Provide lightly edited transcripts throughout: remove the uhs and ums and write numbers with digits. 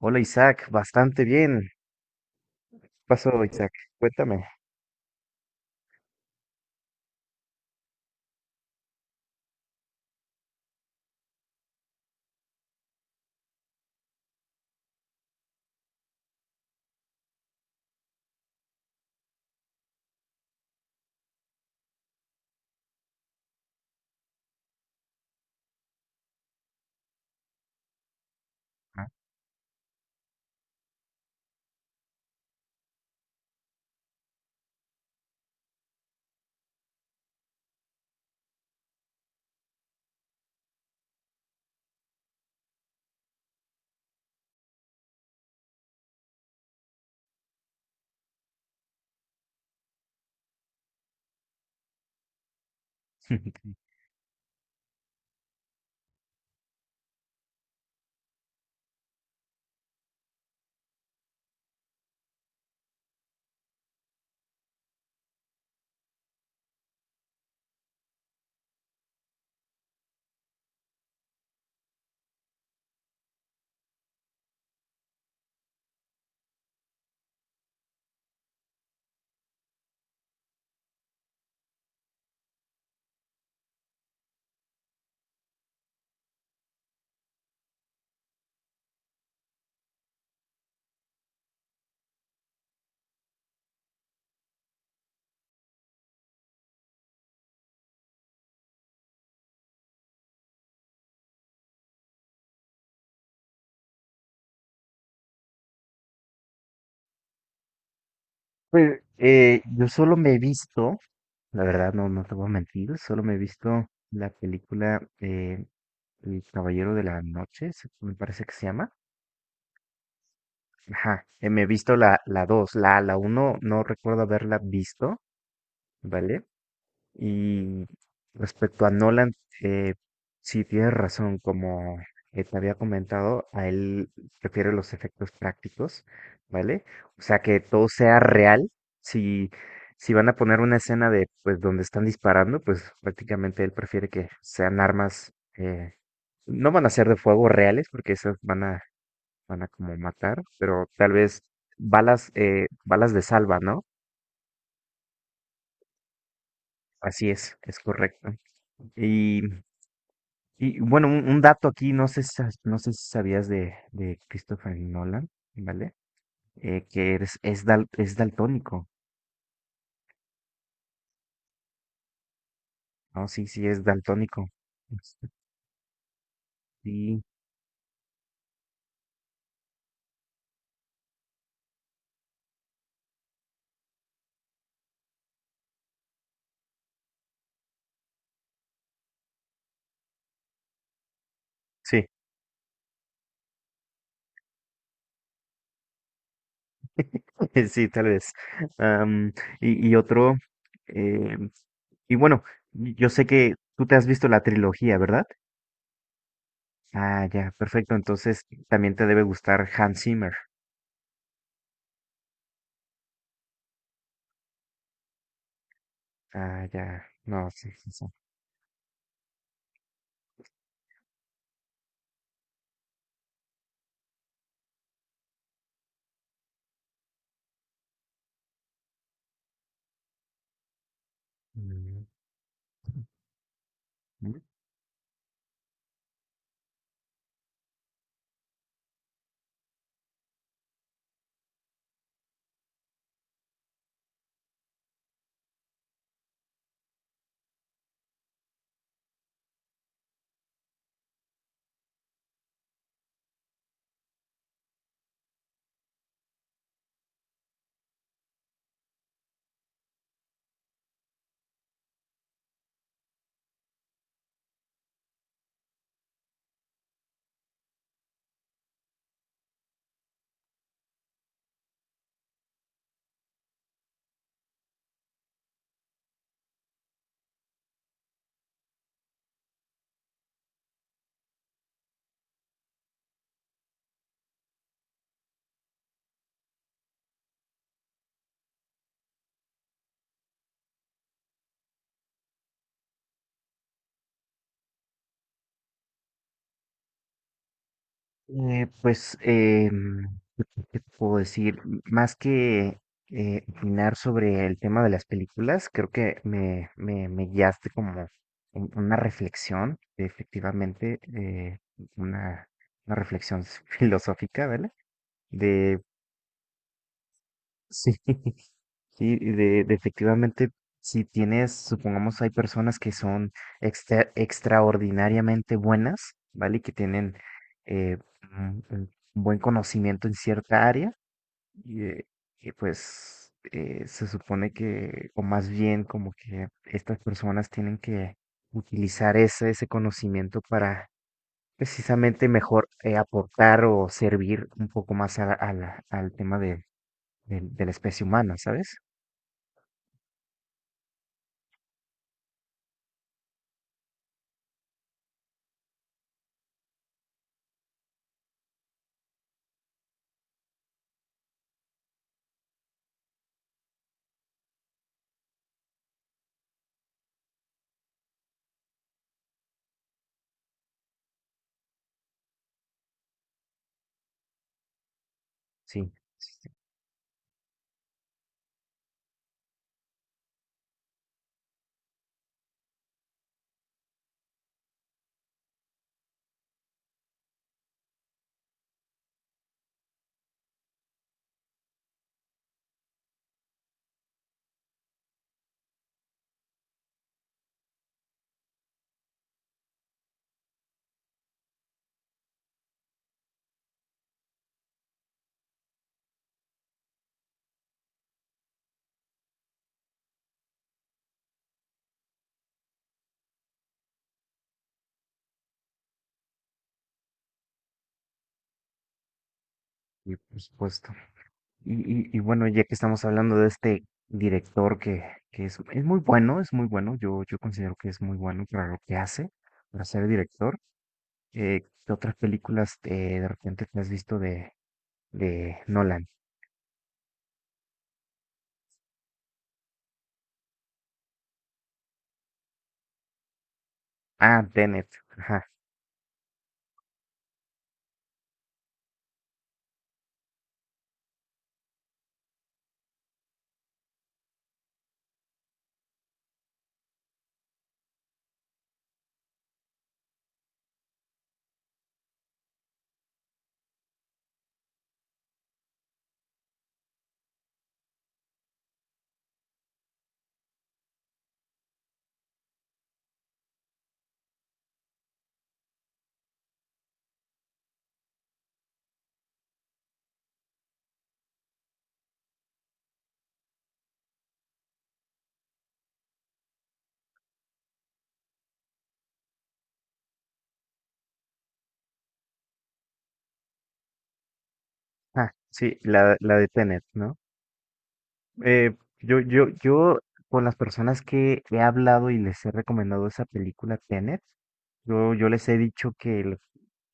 Hola Isaac, bastante bien. ¿Qué pasó, Isaac? Cuéntame. Ah. Pues yo solo me he visto, la verdad no, no te voy a mentir, solo me he visto la película El Caballero de la Noche, me parece que se llama. Ajá, me he visto la 2, la uno no recuerdo haberla visto, ¿vale? Y respecto a Nolan, eh, sí tienes razón, como te había comentado, a él prefiere los efectos prácticos, ¿vale? O sea, que todo sea real. Si, si van a poner una escena de, pues, donde están disparando, pues prácticamente él prefiere que sean armas, no van a ser de fuego reales, porque esas van a, van a como matar, pero tal vez balas, balas de salva, ¿no? Así es correcto. Y Y bueno, un dato aquí, no sé, no sé si sabías de Christopher Nolan, ¿vale? Que es daltónico, ¿no? Sí, sí, es daltónico. Este, sí, sí, sí, tal vez. Am, y otro, eh, y bueno, yo sé que tú te has visto la trilogía, ¿verdad? Ah, ya, perfecto. Entonces también te debe gustar Hans Zimmer. Ah, ya, no, sí, sí, sí. Mm, mm. Eh, pues, em, ¿Qué te puedo decir? Más que opinar sobre el tema de las películas, creo que me guiaste como una reflexión, efectivamente, una, una reflexión filosófica, ¿vale? De, sí, sí, de efectivamente, si tienes, supongamos, hay personas que son extraordinariamente buenas, ¿vale? Que tienen eh, un un buen conocimiento en cierta área y, que pues se supone que, o más bien como que estas personas tienen que utilizar ese conocimiento para precisamente mejor aportar o servir un poco más a al tema de, de la especie humana, ¿sabes? Sí, sí, sí, por supuesto. Y, y bueno, ya que estamos hablando de este director que es muy bueno, yo considero que es muy bueno para lo que hace, para ser director. ¿Qué otras películas de repente te has visto de Nolan? Ah, Tenet. Ajá. Ah, sí, la de Tenet, ¿no? Eh, yo, yo, yo, con las personas que he hablado y les he recomendado esa película Tenet, yo les he dicho que el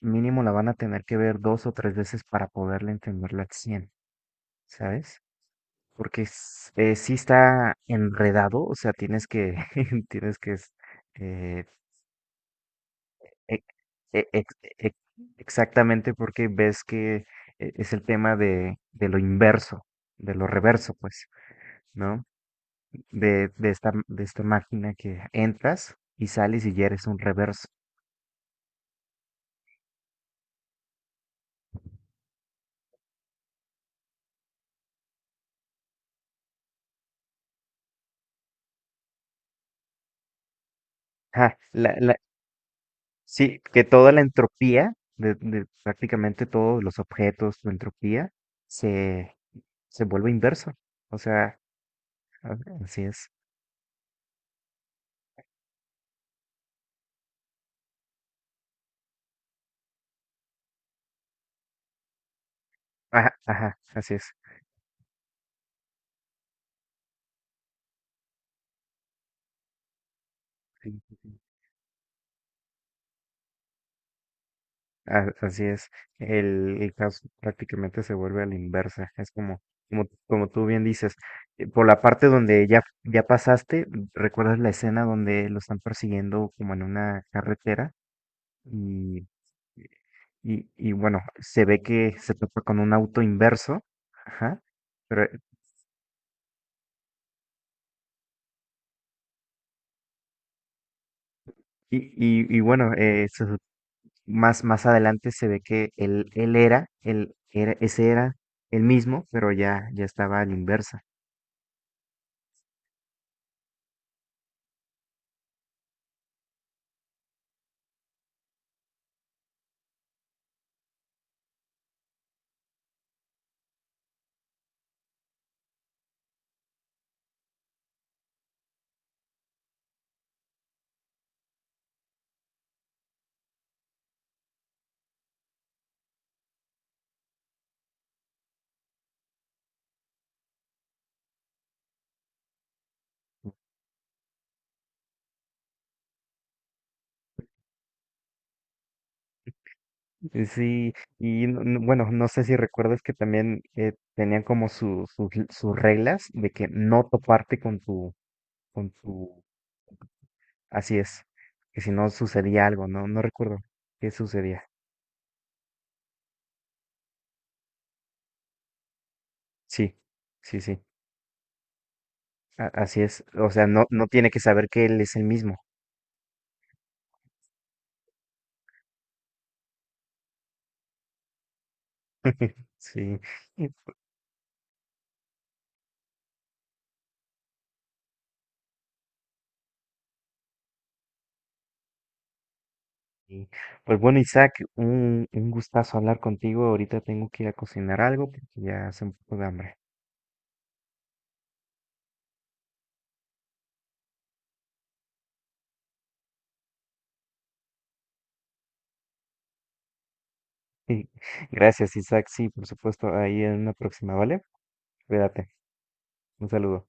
mínimo la van a tener que ver dos o tres veces para poderle entenderla al 100, ¿sabes? Porque sí está enredado, o sea, tienes que, tienes que s- eh, Ex- e- ex- ex- Exactamente porque ves que es el tema de lo inverso, de lo reverso, pues, ¿no? De esta máquina que entras y sales y ya eres un reverso. Ja, la, la, sí, que toda la entropía de prácticamente todos los objetos, su entropía, se, se vuelve inverso. O sea, a- así es. Ajá, ajá, así es. Sí. Así es, el caso prácticamente se vuelve a la inversa, es como, como, como tú bien dices, por la parte donde ya, ya pasaste, recuerdas la escena donde lo están persiguiendo como en una carretera y, y bueno, se ve que se topa con un auto inverso, ajá, pero, y bueno, se más, más adelante se ve que él, él era, ese era el mismo, pero ya, ya estaba a la inversa. Y sí, y bueno, no sé si recuerdas que también tenían como sus sus reglas de que no toparte con tu, así es, que si no sucedía algo, no, no recuerdo qué sucedía. Sí, sí, sí, así es, o sea, no, no tiene que saber que él es el mismo. Sí, y, pues bueno, Isaac, un gustazo hablar contigo, ahorita tengo que ir a cocinar algo porque ya hace un poco de hambre. Gracias, Isaac, sí, por supuesto, ahí en una próxima, ¿vale? Cuídate. Un saludo.